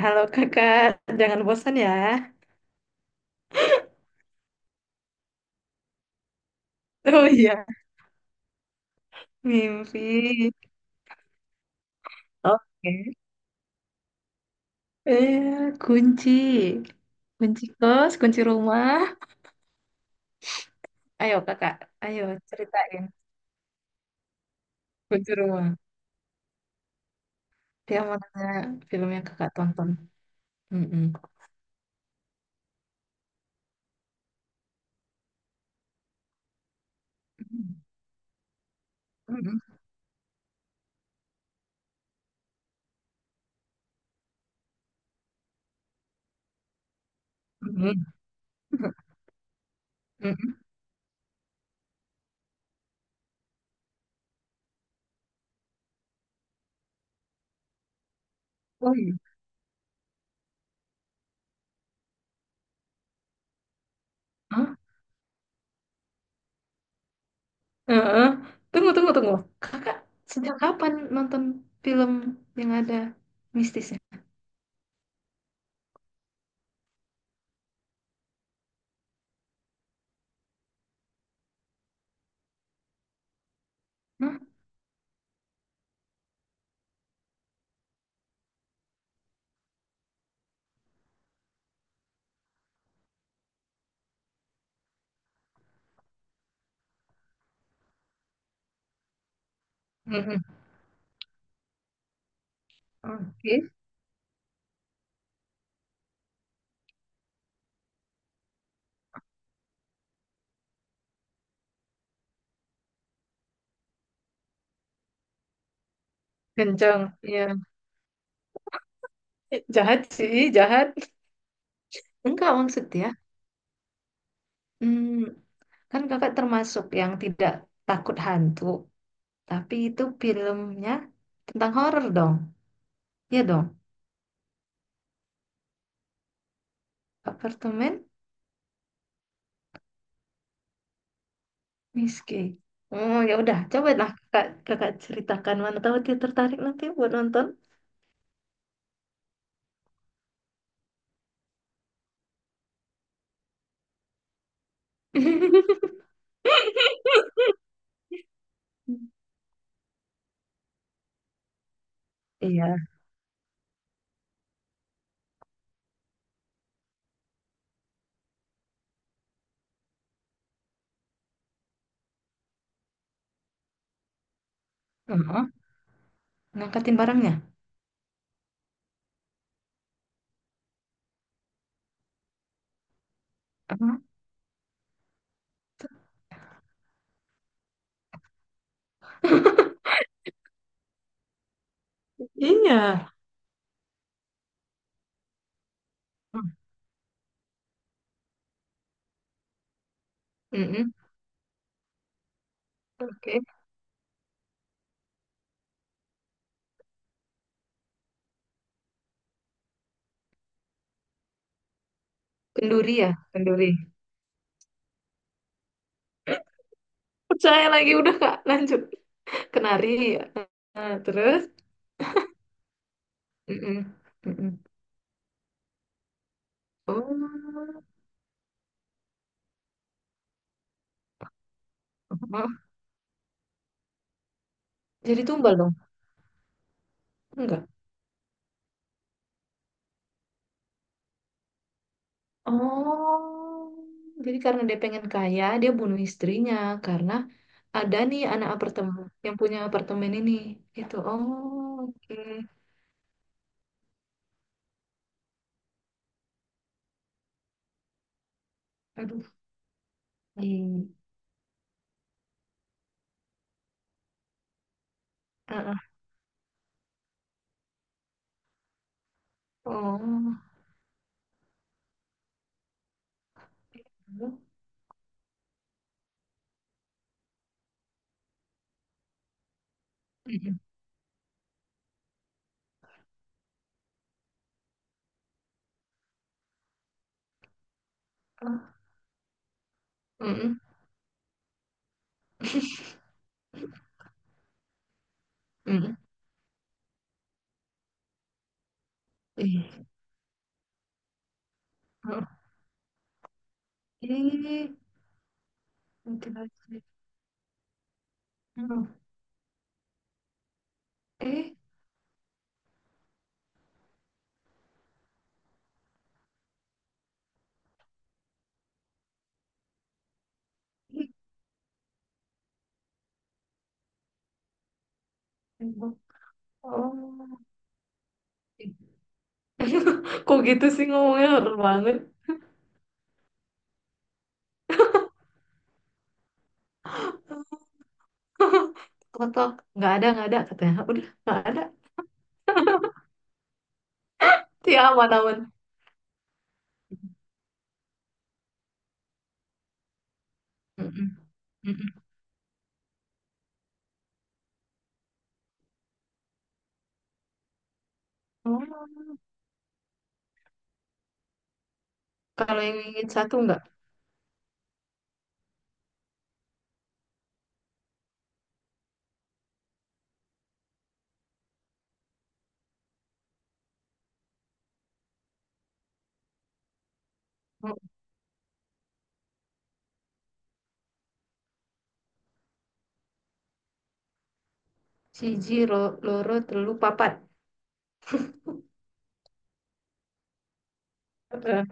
Halo kakak, jangan bosan ya. Oh iya, mimpi. Oke. Eh, kunci. Kunci kos, kunci rumah. Ayo kakak, ayo ceritain kunci rumah. Dia mau tanya film yang kakak tonton. Mm-mm. Mm-mm. Mm-mm. Mm-mm. Oh iya. Hah? Eh, tunggu, tunggu, tunggu. Kakak sejak kapan nonton film yang ada mistisnya? Hah? Mm-mm. Oke. Kencang. Iya. Eh, jahat sih, jahat. Enggak maksudnya. Hmm, kan kakak termasuk yang tidak takut hantu. Tapi itu filmnya tentang horor dong. Iya dong. Apartemen Miski. Oh ya udah, coba lah kakak ceritakan mana tahu dia tertarik nanti buat nonton. Iya. Heeh. Ngangkatin barangnya. Heeh. Iya, Mm-mm. Oke. Kenduri ya, kenduri. Percaya lagi udah kak, lanjut. Kenari. Nah, terus Mm-mm. Mm-mm. Oh. Oh, jadi tumbal dong. Enggak. Oh, jadi karena dia pengen kaya dia bunuh istrinya karena ada nih anak apartemen yang punya apartemen ini gitu. Oh. Oke. Aduh. Ih. Ah, ah. Oh. Mm-mm. Ah, mm-mm. Mm-mm. Ih. Ah. Ih, mutilasi. Hmm. Eh, ih. Oh, Kok gitu sih ngomongnya horor banget. Ketok, nggak ada katanya. Udah, nggak ada. Ya, aman-aman. Mm-mm, mm-mm. Oh, Kalau yang ingin satu nggak? Oh, Siji, lo, loro, telu, papat. Eh,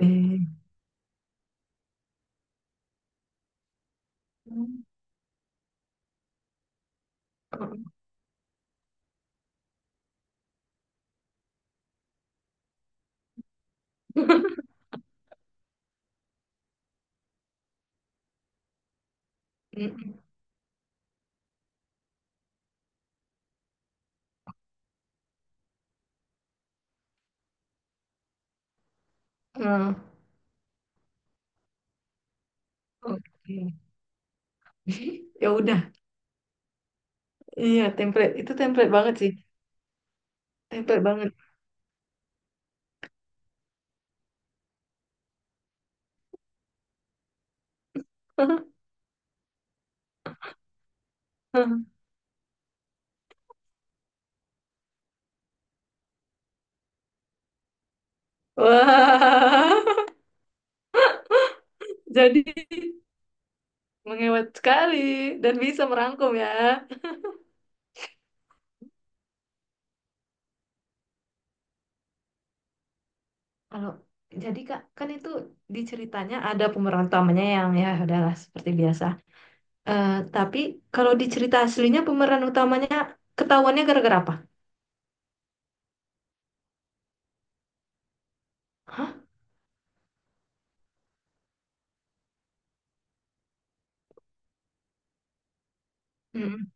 eh. Mm-mm. Nah. Oke. Ya udah. Iya, template. Itu template banget sih. Template banget. Wah. Jadi Menghemat sekali dan bisa merangkum ya. Kalau jadi Kak, kan itu di ceritanya ada pemeran utamanya yang ya udahlah seperti biasa. Eh, tapi kalau di cerita aslinya pemeran utamanya ketahuannya gara-gara apa? Hah? Mm-mm.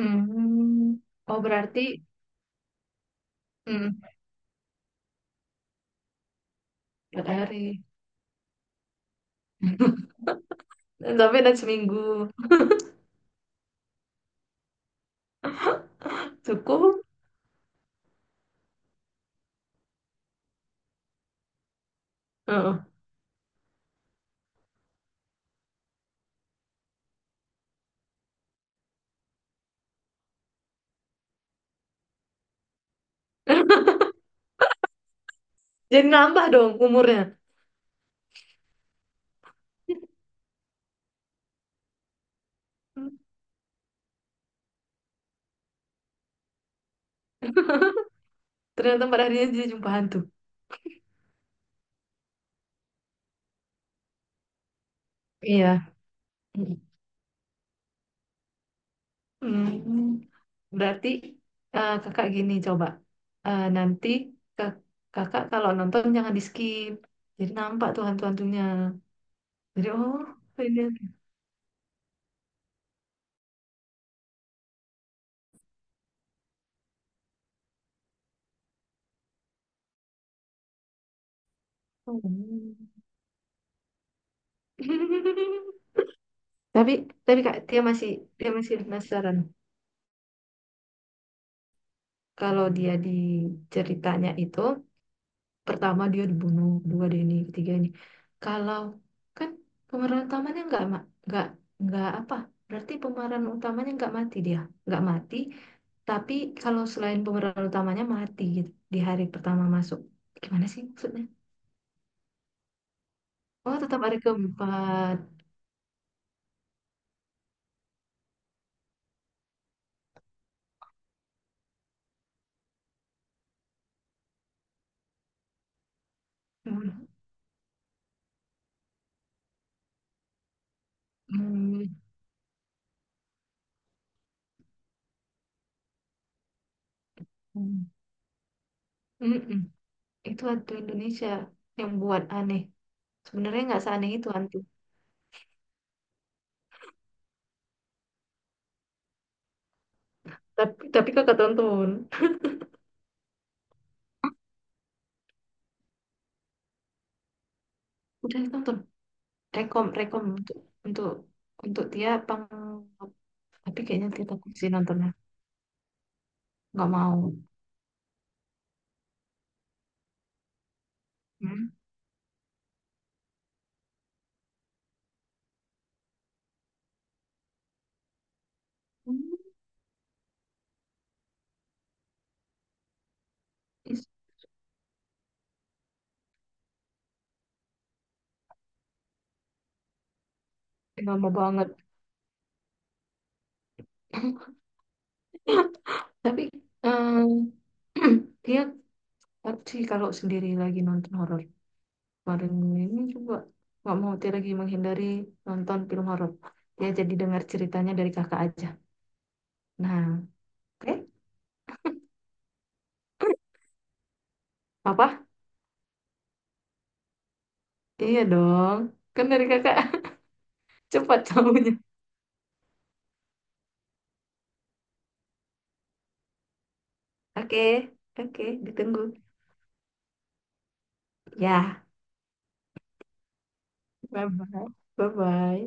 Mm. Oh berarti mm, empat hari. Dan Sampai dan seminggu cukup. Heeh. Jadi nambah dong umurnya. Mm. Ternyata pada harinya dia jumpa hantu. Iya. Mm. Berarti kakak gini coba. Eh, nanti kak- kakak kalau nonton jangan di skip. Jadi nampak tuh hantu-hantunya. Jadi, oh, ini hantu. Tapi tapi kak dia masih penasaran. Kalau dia di ceritanya itu pertama dia dibunuh, kedua dia ini, ketiga ini. Kalau kan pemeran utamanya nggak nggak apa? Berarti pemeran utamanya nggak mati dia, nggak mati. Tapi kalau selain pemeran utamanya mati gitu di hari pertama masuk. Gimana sih maksudnya? Oh, tetap hari keempat. Hmm. Hmm. Mm-mm. Itu hantu Indonesia yang buat aneh. Sebenarnya nggak seaneh itu hantu. Tapi kakak tonton. Udah tonton. Rekom, rekom untuk untuk untuk dia pang. Tapi kayaknya dia takut sih nontonnya. Nggak mau. Hmm. Hmm. Ih, nggak mau banget. Tapi eh, dia. Tapi sih kalau sendiri lagi nonton horor kemarin ini juga nggak mau Tia lagi menghindari nonton film horor. Dia jadi dengar ceritanya dari kakak aja. Nah. Oke. Apa? Iya dong, kan dari kakak cepat tahunya. Oke, oke, ditunggu. Ya, bye bye, bye bye.